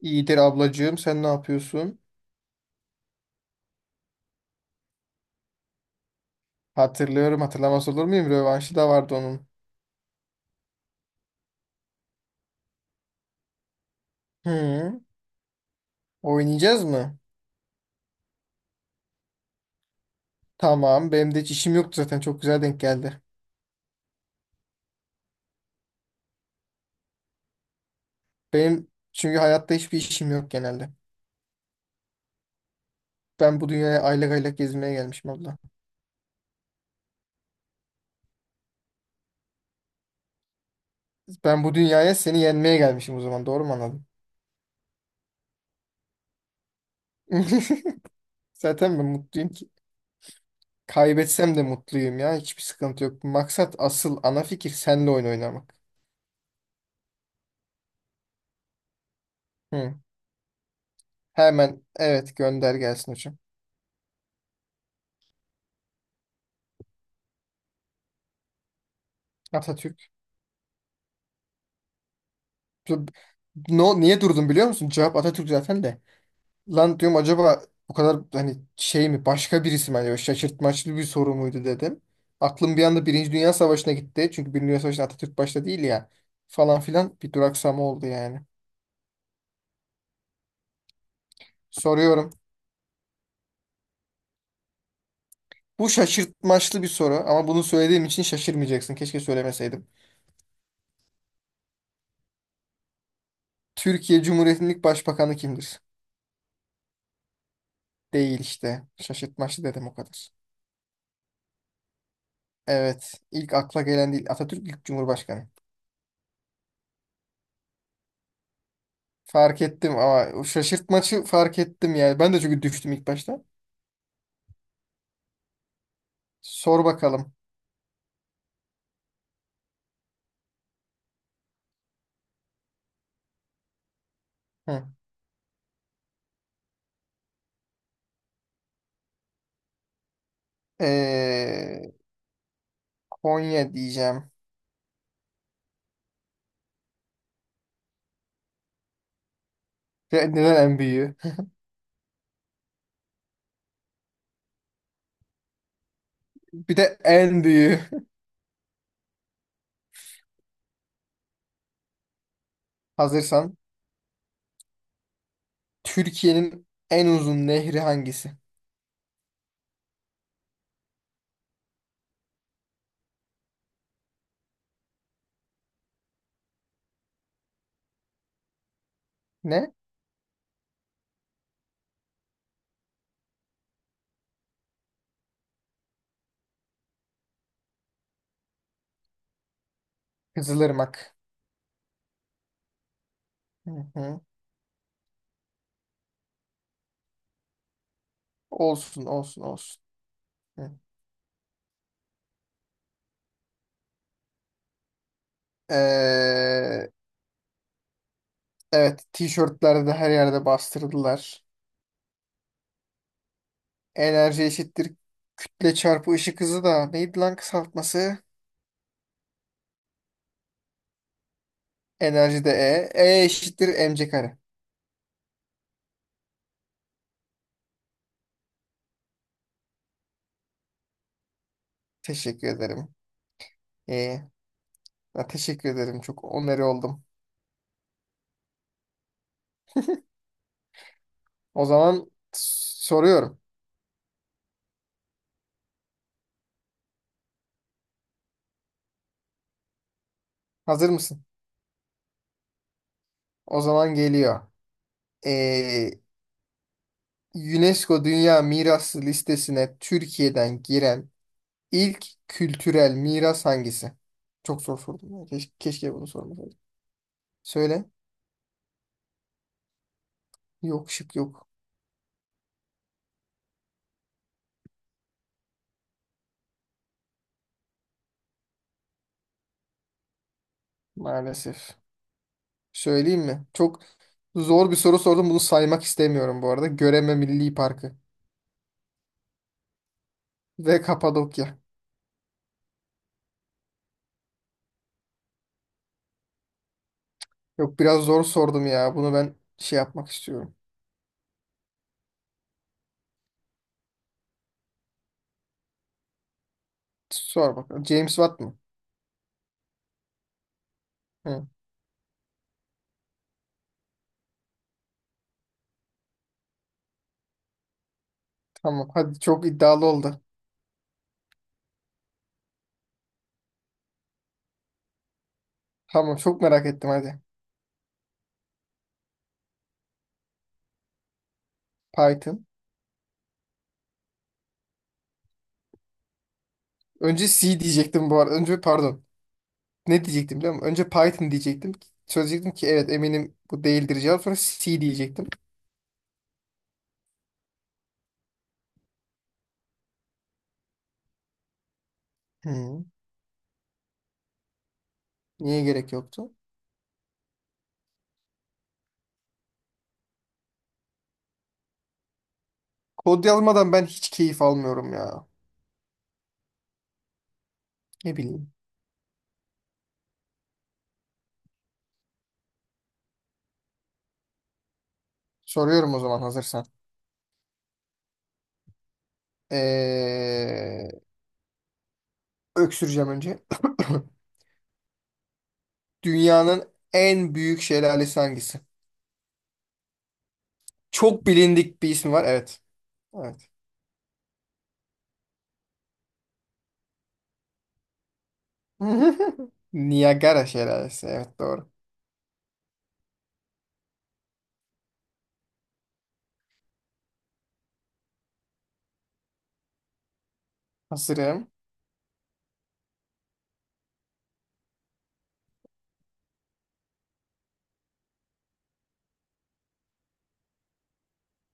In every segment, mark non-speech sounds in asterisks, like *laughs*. İyidir ablacığım, sen ne yapıyorsun? Hatırlıyorum, hatırlamaz olur muyum? Rövanşı da vardı onun. Hı, oynayacağız mı? Tamam, benim de hiç işim yoktu zaten, çok güzel denk geldi. Benim çünkü hayatta hiçbir işim yok genelde. Ben bu dünyaya aylak aylak gezmeye gelmişim abla. Ben bu dünyaya seni yenmeye gelmişim, o zaman doğru mu anladım? *laughs* Zaten ben mutluyum ki. Kaybetsem de mutluyum ya, hiçbir sıkıntı yok. Maksat, asıl ana fikir, senle oyun oynamak. Hı. Hemen evet, gönder gelsin hocam. Atatürk. No, niye durdum biliyor musun? Cevap Atatürk zaten de. Lan diyorum acaba bu kadar hani şey mi, başka birisi mi? Hani şaşırtmaçlı bir soru muydu dedim. Aklım bir anda Birinci Dünya Savaşı'na gitti. Çünkü Birinci Dünya Savaşı'nda Atatürk başta değil ya. Falan filan, bir duraksama oldu yani. Soruyorum. Bu şaşırtmaçlı bir soru, ama bunu söylediğim için şaşırmayacaksın. Keşke söylemeseydim. Türkiye Cumhuriyeti'nin ilk başbakanı kimdir? Değil işte. Şaşırtmaçlı dedim o kadar. Evet. ilk akla gelen değil. Atatürk ilk cumhurbaşkanı. Fark ettim, ama o şaşırtmacı, fark ettim yani. Ben de çünkü düştüm ilk başta. Sor bakalım. Hı. Ee, Konya diyeceğim. Ve neden en büyüğü? *laughs* Bir de en büyüğü. *laughs* Hazırsan. Türkiye'nin en uzun nehri hangisi? Ne? Kızılırmak. Hı hı. Olsun olsun olsun. Hı. Ee, evet, tişörtlerde de her yerde bastırdılar. Enerji eşittir kütle çarpı ışık hızı, da neydi lan kısaltması? Enerji de E. E eşittir mc kare. Teşekkür ederim. E. Ya teşekkür ederim. Çok onarı oldum. O zaman soruyorum. Hazır mısın? O zaman geliyor. E, UNESCO Dünya Mirası listesine Türkiye'den giren ilk kültürel miras hangisi? Çok zor sordum ya. Keşke bunu sormasaydım. Söyle. Yok, şık yok. Maalesef. Söyleyeyim mi? Çok zor bir soru sordum. Bunu saymak istemiyorum bu arada. Göreme Milli Parkı. Ve Kapadokya. Yok, biraz zor sordum ya. Bunu ben şey yapmak istiyorum. Sor bakalım. James Watt mı? Hı, tamam. Hadi, çok iddialı oldu. Tamam, çok merak ettim hadi. Python. Önce C diyecektim bu arada. Önce, pardon. Ne diyecektim biliyor musun? Önce Python diyecektim. Söyleyecektim ki evet, eminim bu değildir cevap. Sonra C diyecektim. Hı, niye gerek yoktu? Kod yazmadan ben hiç keyif almıyorum ya. Ne bileyim. Soruyorum o zaman, hazırsan. Ee, öksüreceğim önce. *coughs* Dünyanın en büyük şelalesi hangisi? Çok bilindik bir ismi var. Evet. Evet. *laughs* Niagara şelalesi. Evet, doğru. Hazırım.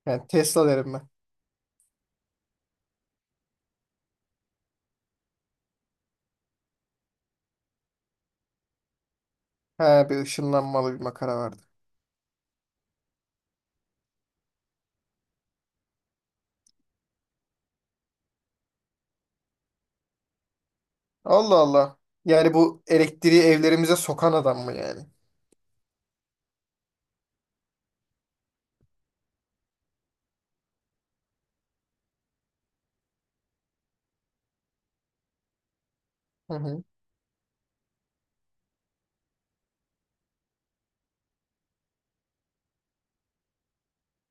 Yani Tesla derim ben. He, bir ışınlanmalı bir makara vardı. Allah Allah. Yani bu elektriği evlerimize sokan adam mı yani? Hı hı.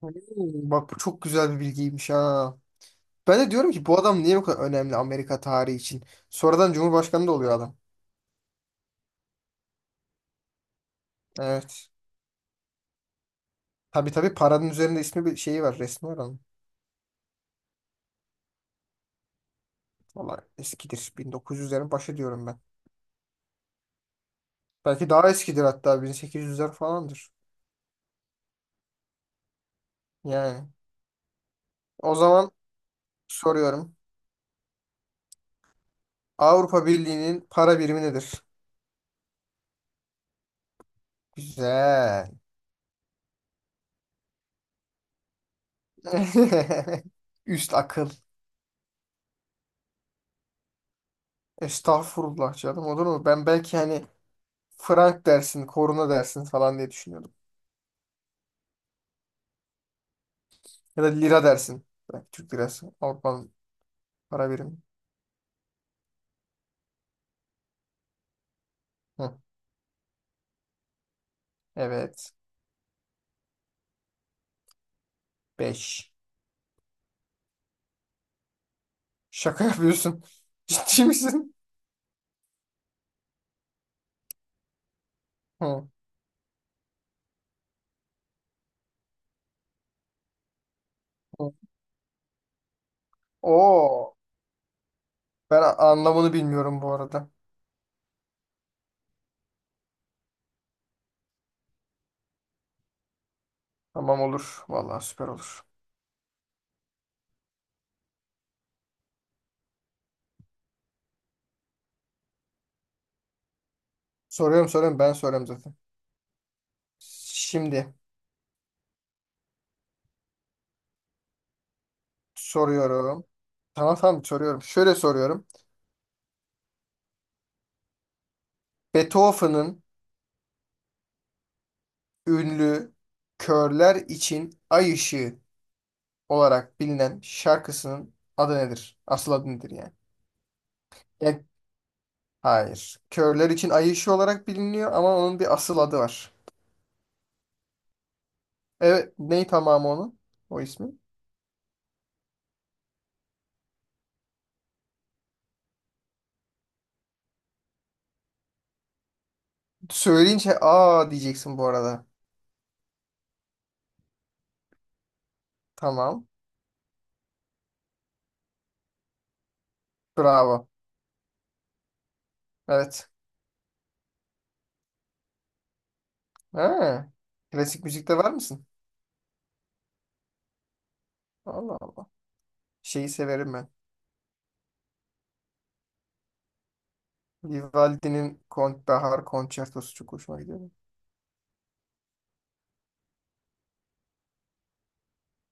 Hmm, bak bu çok güzel bir bilgiymiş ha. Ben de diyorum ki bu adam niye bu kadar önemli Amerika tarihi için? Sonradan Cumhurbaşkanı da oluyor adam. Evet. Tabii tabii, paranın üzerinde ismi bir şeyi var, resmi var onun. Valla eskidir. 1900'lerin başı diyorum ben. Belki daha eskidir, hatta 1800'ler falandır. Yani. O zaman soruyorum. Avrupa Birliği'nin para birimi nedir? Güzel. *laughs* Üst akıl. Estağfurullah canım, olur mu? Ben belki hani frank dersin, koruna dersin falan diye düşünüyordum. Ya da lira dersin. Belki Türk lirası. Avrupa'nın para birimi. Hı. Evet. 5. Şaka yapıyorsun. *laughs* Ciddi misin? Hı. Hı. Oo. Ben anlamını bilmiyorum bu arada. Tamam, olur. Vallahi süper olur. Soruyorum, soruyorum, ben soruyorum zaten. Şimdi soruyorum. Tamam tamam, soruyorum. Şöyle soruyorum. Beethoven'ın ünlü Körler için Ay Işığı olarak bilinen şarkısının adı nedir? Asıl adı nedir yani? Yani hayır. Körler için Ay Işığı olarak biliniyor, ama onun bir asıl adı var. Evet, ney tamamı onun? O ismi. Söyleyince aa diyeceksin bu arada. Tamam. Bravo. Evet. Ha, klasik müzikte var mısın? Allah Allah. Şeyi severim ben. Vivaldi'nin Kont Bahar Konçertosu çok hoşuma gidiyor.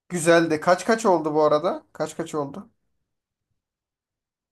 Güzel de, kaç kaç oldu bu arada? Kaç kaç oldu?